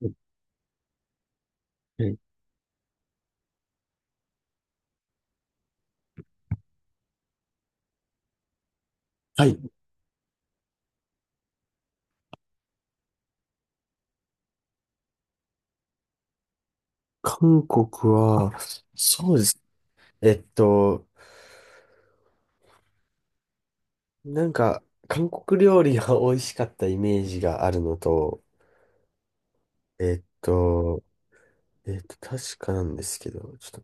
えーはい。韓国は、そうです。えっと、なんか、韓国料理が美味しかったイメージがあるのと、えっと、確かなんですけど、ちょっと、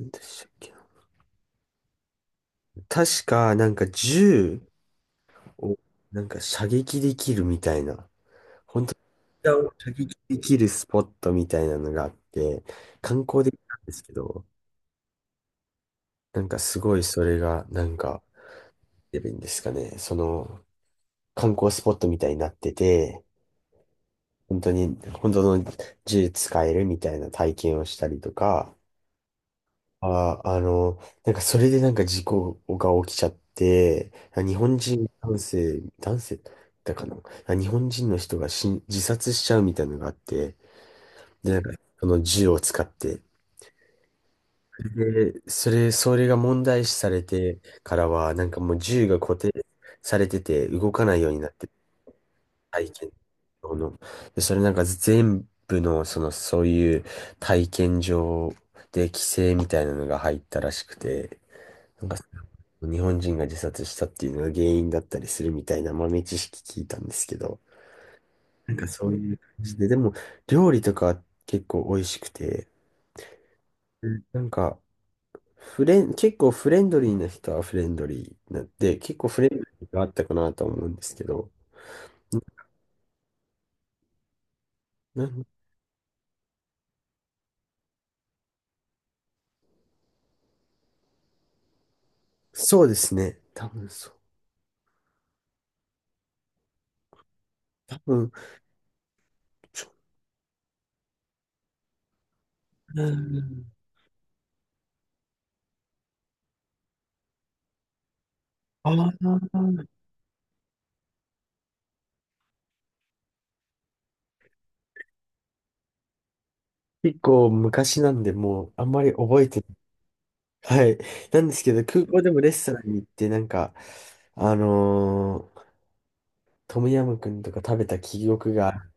何でしたっけな。確か、なんか銃を、なんか射撃できるみたいな、本当に射撃できるスポットみたいなのがあって、観光できたんですけど、なんかすごいそれが、なんか、出るんですかね。その、観光スポットみたいになってて、本当に、本当の銃使えるみたいな体験をしたりとか、あの、なんかそれでなんか事故が起きちゃって、日本人男性、男性だかな、日本人の人がしん自殺しちゃうみたいなのがあって、で、なんかその銃を使って、で、それが問題視されてからは、なんかもう銃が固定されてて動かないようになって体験場の。で、それなんか全部の、その、そういう体験場で規制みたいなのが入ったらしくて、なんか日本人が自殺したっていうのが原因だったりするみたいな豆知識聞いたんですけど、なんかそういう感じで、でも料理とかは結構美味しくて、うんなんかフレン、結構フレンドリーな人はフレンドリーなで、結構フレンドリーがあったかなと思うんですけど、なんそうですね。多分そう。多分、ちうん。ああ、結構昔なんで、もうあんまり覚えてない。はい。なんですけど、空港でもレストランに行って、なんか、あのートムヤムクンとか食べた記憶が、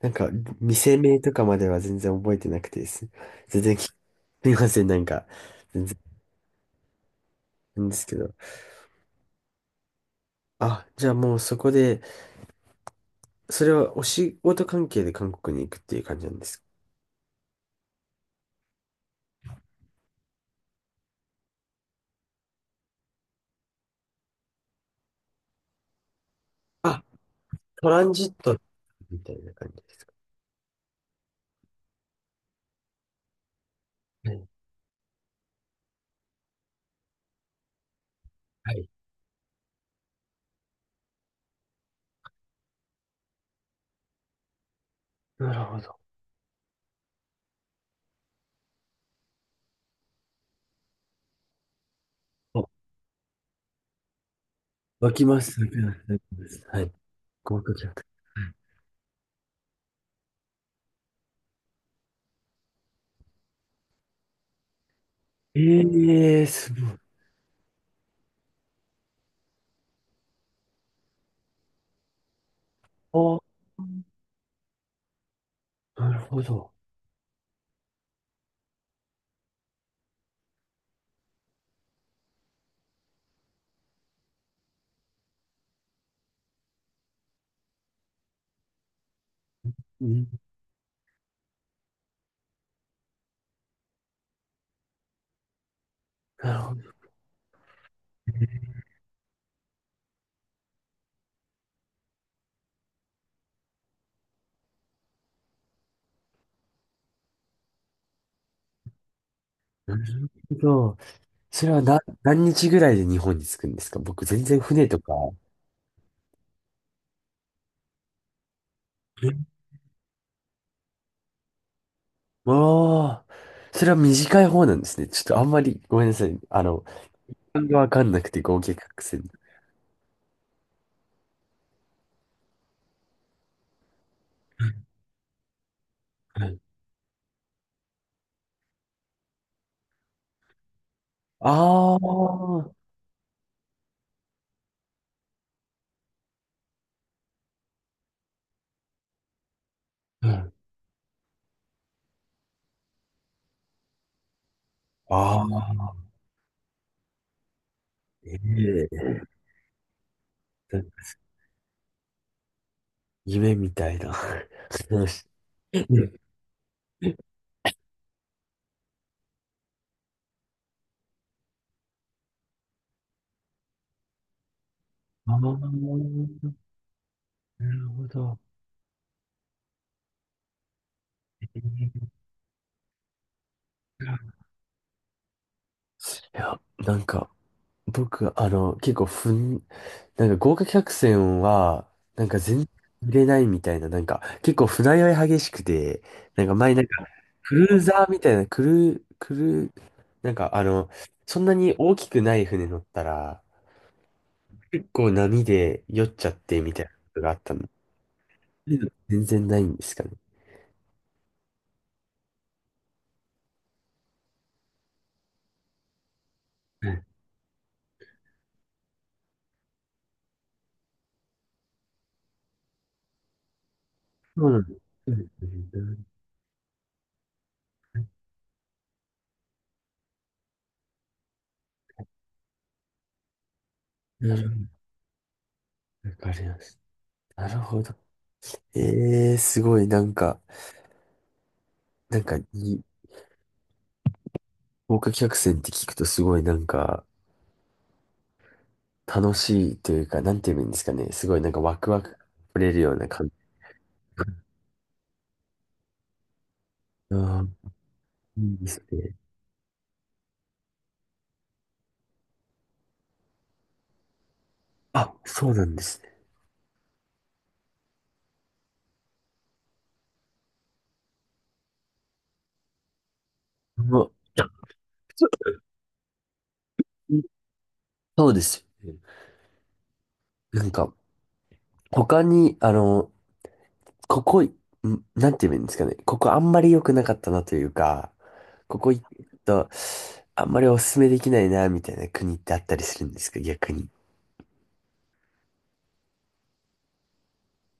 なんか、店名とかまでは全然覚えてなくてです。全然き、すみません、なんか、全然、なんですけど。あ、じゃあもうそこで、それはお仕事関係で韓国に行くっていう感じなんですか？あ、トランジットみたいな感じですか？はい。はい、なるほど。湧きます湧きまし湧きます、はい。細かくなった。ええ、すごい。なるほど。うん。なるほど。なるほど。それはな、何日ぐらいで日本に着くんですか？僕全然船とか。え、ああ、それは短い方なんですね。ちょっとあんまりごめんなさい。あの、単語わかんなくて合計隠せん。はい。ああ、うん。ああ、ええ、夢みたいな。話。うん、ああ、なるほど。いや、なんか、僕、あの、結構ふん、なんか豪華客船は、なんか全然売れないみたいな、なんか、結構船酔い激しくて、なんか前なんかクルーザーみたいな、クルー、クルー、なんかあの、そんなに大きくない船乗ったら、結構波で酔っちゃってみたいなことがあったの。そういうの全然ないんですかね。はい、そうなんです。うん、うん、なるほど、わかります。なるほど。ええ、すごい、なんか、なんかに、豪華客船って聞くとすごいなんか、楽しいというか、なんて言えばいいんですかね。すごいなんかワクワクが触れるような感じ。ああ、いいですね。あ、そうなんですね。うわ、そそうですよね。なんか、他に、あの、ここ、ん、なんて言えばいいんですかね。ここあんまり良くなかったなというか、ここ行くと、あんまりおすすめできないな、みたいな国ってあったりするんですか、逆に。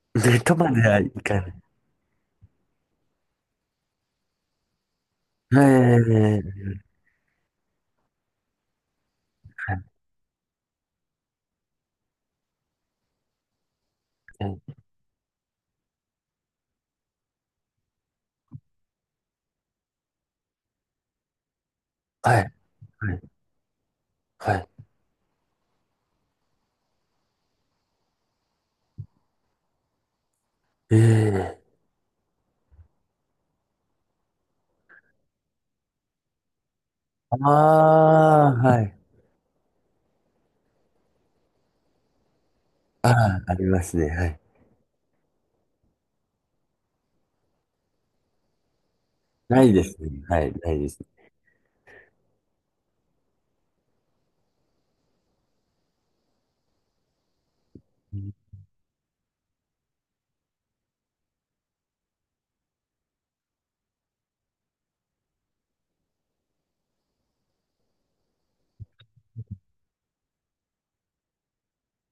で、とまではいかない。ええ、はい、はい、はい、はい。ええ、ああ、はい。ああ、ありますね、はい。ないですね、はい、ないですね。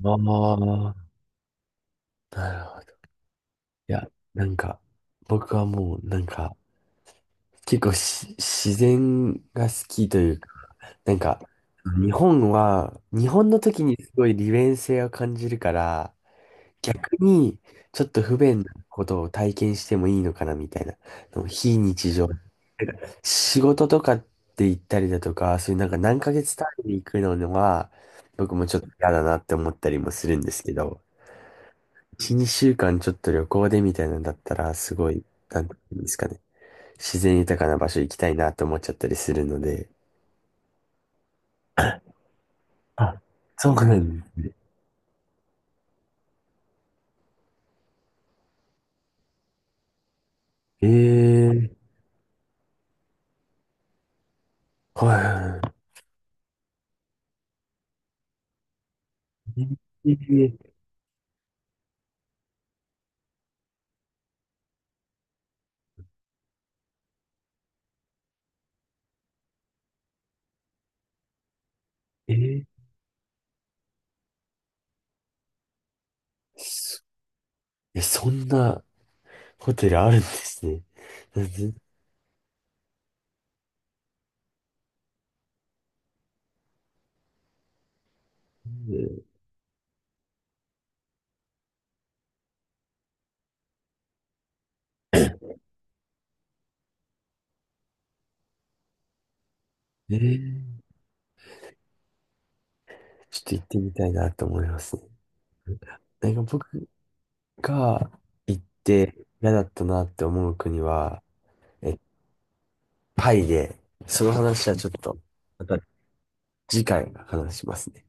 ああ、なるほど。いや、なんか、僕はもう、なんか、結構し、自然が好きというか、なんか、日本は、日本の時にすごい利便性を感じるから、逆に、ちょっと不便なことを体験してもいいのかな、みたいな、非日常仕事とかって行ったりだとか、そういうなんか何ヶ月単位で行くのは、僕もちょっと嫌だなって思ったりもするんですけど、1、2週間ちょっと旅行でみたいなんだったら、すごい、なんていうんですかね、自然豊かな場所行きたいなって思っちゃったりするので。あ、そうなんですね。ええ、はい、ええ、ええ、そ、えそんなホテルあるんですね。なんで、ええ、ちょっと行ってみたいなと思いますね。なんか僕、が行って嫌だったなって思う国は、え、タイで、その話はちょっと、また次回話しますね。